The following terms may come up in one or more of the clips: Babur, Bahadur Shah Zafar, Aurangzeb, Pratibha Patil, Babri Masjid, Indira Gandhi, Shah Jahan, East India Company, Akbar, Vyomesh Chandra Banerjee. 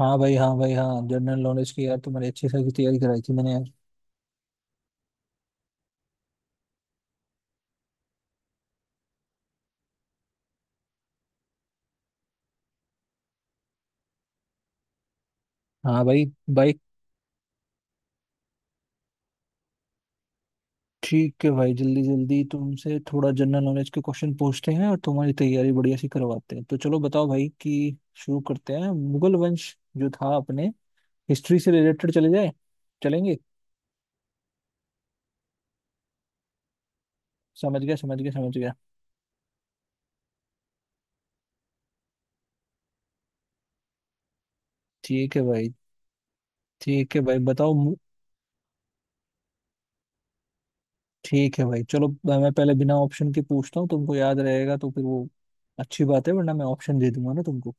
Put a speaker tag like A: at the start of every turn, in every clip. A: हाँ भाई, हाँ भाई, हाँ जनरल नॉलेज की यार तुम्हारी अच्छी खासी तैयारी कराई थी मैंने यार। हाँ भाई। भाई। ठीक है भाई, जल्दी जल्दी तुमसे थोड़ा जनरल नॉलेज के क्वेश्चन पूछते हैं और तुम्हारी तैयारी बढ़िया सी करवाते हैं, तो चलो बताओ भाई कि शुरू करते हैं। मुगल वंश जो था अपने हिस्ट्री से रिलेटेड चले जाए, चलेंगे? समझ गया, समझ गया, समझ गया। ठीक है भाई। ठीक है भाई, बताओ ठीक है भाई, चलो मैं पहले बिना ऑप्शन के पूछता हूँ, तुमको याद रहेगा तो फिर वो अच्छी बात है, वरना मैं ऑप्शन दे दूंगा ना तुमको।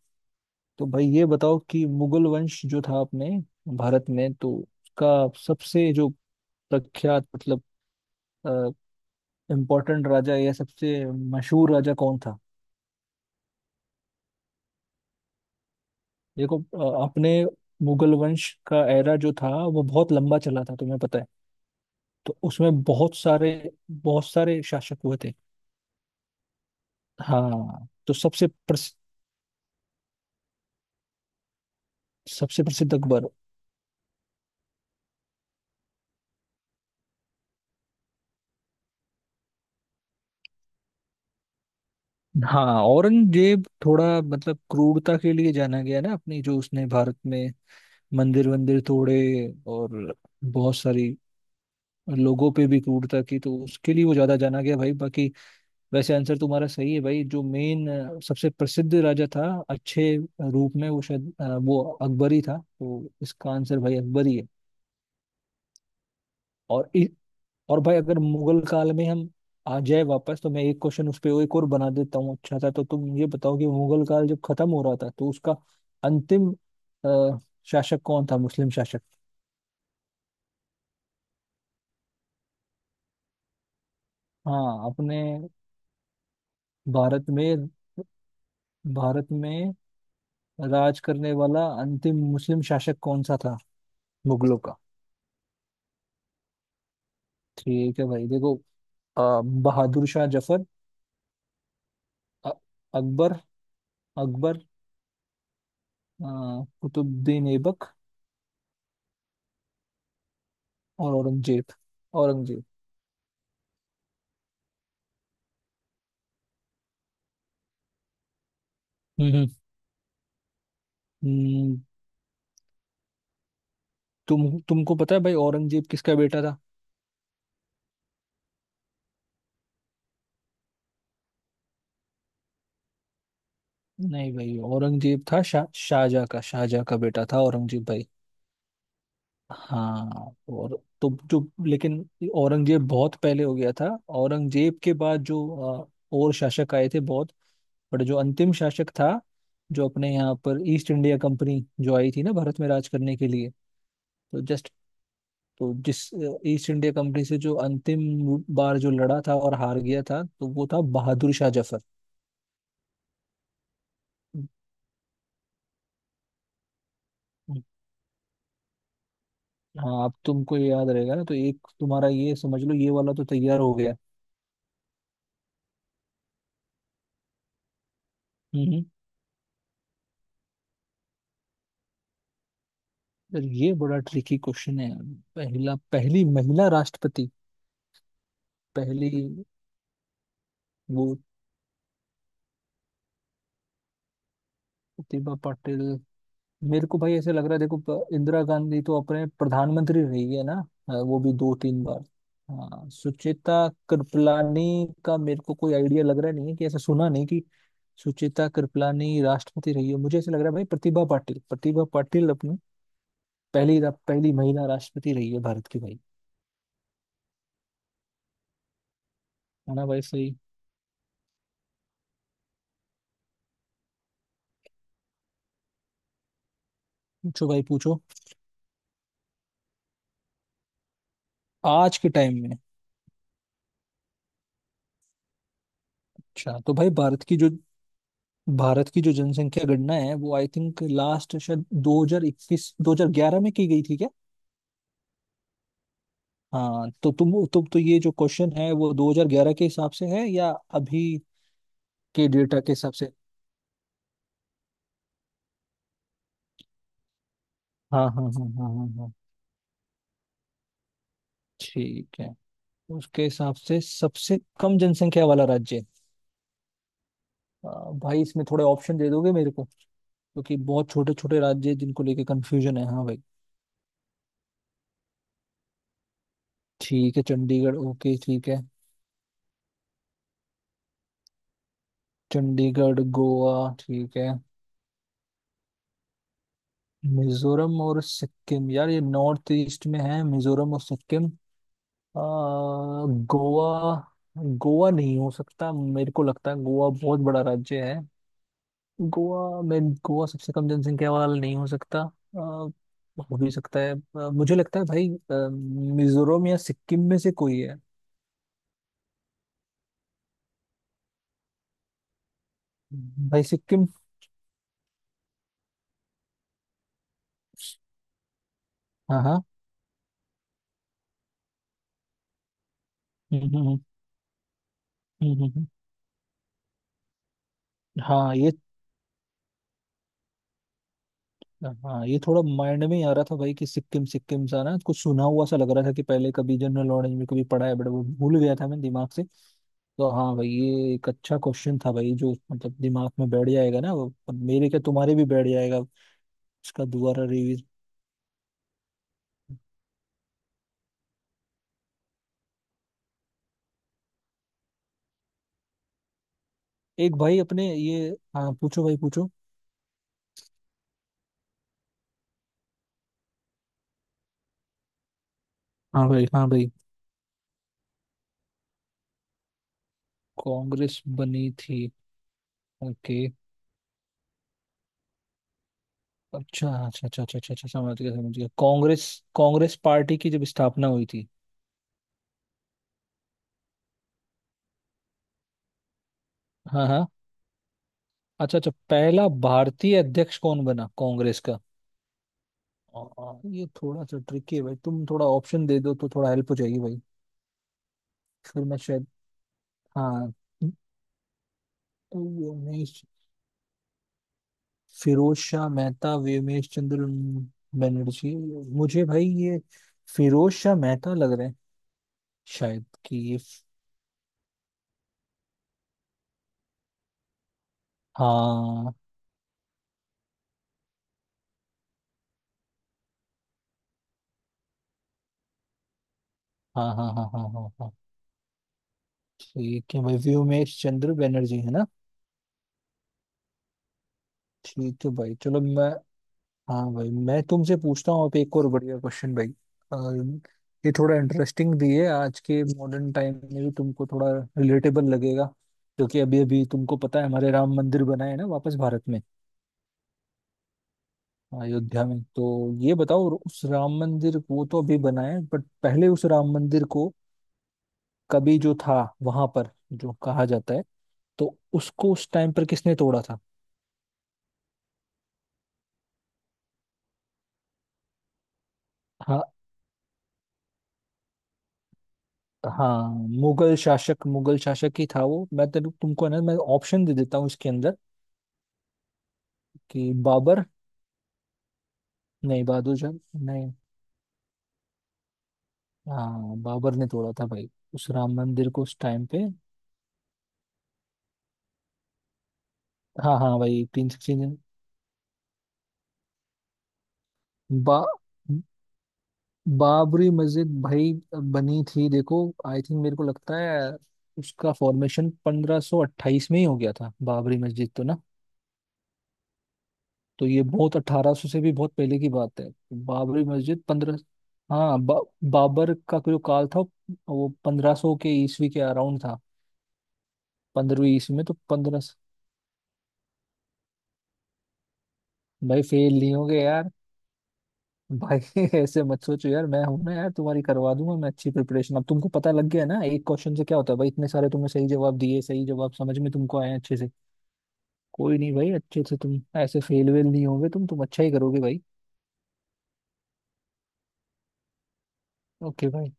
A: तो भाई ये बताओ कि मुगल वंश जो था अपने भारत में, तो उसका सबसे जो प्रख्यात मतलब इम्पोर्टेंट राजा या सबसे मशहूर राजा कौन था? देखो, अपने मुगल वंश का एरा जो था वो बहुत लंबा चला था, तुम्हें पता है। तो उसमें बहुत सारे शासक हुए थे। हाँ, तो सबसे सबसे प्रसिद्ध अकबर। हाँ, औरंगजेब थोड़ा मतलब क्रूरता के लिए जाना गया ना, अपनी जो उसने भारत में मंदिर वंदिर तोड़े और बहुत सारी लोगों पे भी क्रूरता की, तो उसके लिए वो ज्यादा जाना गया भाई। बाकी वैसे आंसर तुम्हारा सही है भाई, जो मेन सबसे प्रसिद्ध राजा था अच्छे रूप में, वो शायद वो अकबर ही था, तो इसका आंसर भाई अकबर ही है। और इ, और भाई अगर मुगल काल में हम आ जाए वापस तो मैं एक क्वेश्चन उस पे एक और बना देता हूँ, अच्छा था तो तुम ये बताओ कि मुगल काल जब खत्म हो रहा था तो उसका अंतिम अ, शासक कौन था, मुस्लिम शासक? हाँ अपने भारत में। भारत में राज करने वाला अंतिम मुस्लिम शासक कौन सा था, मुगलों का? ठीक है भाई देखो, अ, बहादुर शाह जफर। अ- अकबर। अकबर। अ, कुतुबुद्दीन ऐबक। और औरंगजेब। औरंगजेब। हम्म। हम्म, तुमको पता है भाई औरंगजेब किसका बेटा था? नहीं भाई, औरंगजेब था शाहजहाँ का, शाहजहाँ का बेटा था औरंगजेब भाई। हाँ, और तो जो लेकिन औरंगजेब बहुत पहले हो गया था। औरंगजेब के बाद जो अ, और शासक आए थे बहुत, बट जो अंतिम शासक था, जो अपने यहाँ पर ईस्ट इंडिया कंपनी जो आई थी ना भारत में राज करने के लिए, तो जस्ट तो जिस ईस्ट इंडिया कंपनी से जो अंतिम बार जो लड़ा था और हार गया था, तो वो था बहादुर शाह जफर। हाँ, अब तुमको ये याद रहेगा ना, तो एक तुम्हारा ये समझ लो, ये वाला तो तैयार हो गया। हम्म। यार ये बड़ा ट्रिकी क्वेश्चन है यार। पहला पहली महिला राष्ट्रपति। पहली। वो प्रतिभा पाटिल। मेरे को भाई ऐसे लग रहा है, देखो, इंदिरा गांधी तो अपने प्रधानमंत्री रही है ना, हाँ, वो भी दो तीन बार। हाँ, सुचेता कृपलानी का मेरे को कोई आइडिया लग रहा नहीं है कि ऐसा सुना नहीं कि सुचेता कृपलानी राष्ट्रपति रही है। मुझे ऐसा लग रहा है भाई, प्रतिभा पाटिल, प्रतिभा पाटिल अपनी पहली महिला राष्ट्रपति रही है भारत की भाई। है ना भाई, सही। पूछो भाई पूछो। आज के टाइम में। अच्छा तो भाई भारत की जो जनसंख्या गणना है वो आई थिंक लास्ट शायद 2021 2011 में की गई थी क्या? हाँ, तो तुम तो ये जो क्वेश्चन है वो 2011 के हिसाब से है या अभी के डेटा के हिसाब से? हाँ हाँ हाँ हाँ हाँ हाँ। ठीक है, उसके हिसाब से सबसे कम जनसंख्या वाला राज्य। आ, भाई इसमें थोड़े ऑप्शन दे दोगे मेरे को? क्योंकि बहुत छोटे छोटे राज्य हैं जिनको लेके कंफ्यूजन है। हाँ भाई। ठीक है, चंडीगढ़, ओके, ठीक है। चंडीगढ़, गोवा, ठीक है। मिजोरम और सिक्किम, यार ये नॉर्थ ईस्ट में है, मिजोरम और सिक्किम। गोवा, गोवा नहीं हो सकता, मेरे को लगता है गोवा बहुत बड़ा राज्य है। गोवा सबसे कम जनसंख्या वाला नहीं हो सकता। हो भी सकता है, मुझे लगता है भाई मिजोरम या सिक्किम में से कोई है। भाई सिक्किम। हाँ हाँ। हम्म, हम्म, हम्म, हम्म। हाँ ये हाँ ये थोड़ा माइंड में ही आ रहा था भाई कि सिक्किम, सिक्किम सा ना कुछ सुना हुआ सा लग रहा था कि पहले कभी जनरल नॉलेज में कभी पढ़ा है, बट वो भूल गया था मैं दिमाग से। तो हाँ भाई, ये एक अच्छा क्वेश्चन था भाई जो मतलब दिमाग में बैठ जाएगा ना वो, और मेरे क्या तुम्हारे भी बैठ जाएगा। उसका दोबारा रिवीज। एक भाई अपने ये। हाँ पूछो भाई पूछो। हाँ भाई हाँ भाई। कांग्रेस बनी थी। ओके। अच्छा अच्छा अच्छा अच्छा अच्छा अच्छा, समझ गया, समझ गया, कांग्रेस। कांग्रेस पार्टी की जब स्थापना हुई थी। हाँ हाँ। अच्छा अच्छा, पहला भारतीय अध्यक्ष कौन बना कांग्रेस का? और ये थोड़ा सा ट्रिकी है भाई, तुम थोड़ा ऑप्शन दे दो तो थोड़ा हेल्प हो जाएगी भाई। फिर मैं शायद। हाँ, व्योमेश। फिरोज शाह मेहता, व्योमेश चंद्र बनर्जी। मुझे भाई ये फिरोज शाह मेहता लग रहे हैं शायद, कि ये। हाँ हाँ हाँ हाँ हाँ हाँ हाँ। ठीक है भाई, व्योमेश चंद्र बनर्जी है ना? ठीक है भाई, चलो मैं। हाँ भाई, मैं तुमसे पूछता हूँ अब एक और बढ़िया क्वेश्चन भाई। अ, ये थोड़ा इंटरेस्टिंग भी है, आज के मॉडर्न टाइम में भी तुमको थोड़ा रिलेटेबल लगेगा, क्योंकि अभी अभी तुमको पता है हमारे राम मंदिर बना है ना वापस भारत में, अयोध्या में। तो ये बताओ उस राम मंदिर, वो तो अभी बना है, बट पहले उस राम मंदिर को कभी जो था, वहां पर जो कहा जाता है, तो उसको उस टाइम पर किसने तोड़ा था? हाँ हाँ। मुगल शासक, मुगल शासक ही था वो, मैं तेरे तुमको है ना, मैं ऑप्शन दे देता हूँ इसके अंदर, कि बाबर, नहीं बहादुर जंग, नहीं, हाँ बाबर ने तोड़ा था भाई उस राम मंदिर को उस टाइम पे। हाँ हाँ भाई, तीन सिक्सटीन। बा बाबरी मस्जिद भाई बनी थी देखो, आई थिंक मेरे को लगता है उसका फॉर्मेशन 1528 में ही हो गया था बाबरी मस्जिद तो ना, तो ये बहुत 1800 से भी बहुत पहले की बात है। बाबरी मस्जिद 15 हाँ, बाबर का जो काल था वो 1500 के ईस्वी के अराउंड था। पंद्रहवीं ईस्वी में तो पंद्रह। भाई फेल नहीं होगे यार। भाई ऐसे मत सोचो यार, मैं हूं ना यार, तुम्हारी करवा दूंगा मैं अच्छी प्रिपरेशन। अब तुमको पता लग गया ना एक क्वेश्चन से क्या होता है भाई, इतने सारे तुमने सही जवाब दिए, सही जवाब समझ में तुमको आए अच्छे से। कोई नहीं भाई, अच्छे से, तुम ऐसे फेल वेल नहीं होगे, तुम अच्छा ही करोगे भाई। ओके भाई।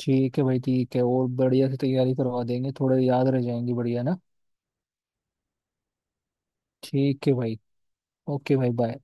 A: ठीक है भाई, ठीक है, और बढ़िया से तैयारी करवा देंगे, थोड़े याद रह जाएंगे बढ़िया ना। ठीक है भाई। ओके भाई, बाय।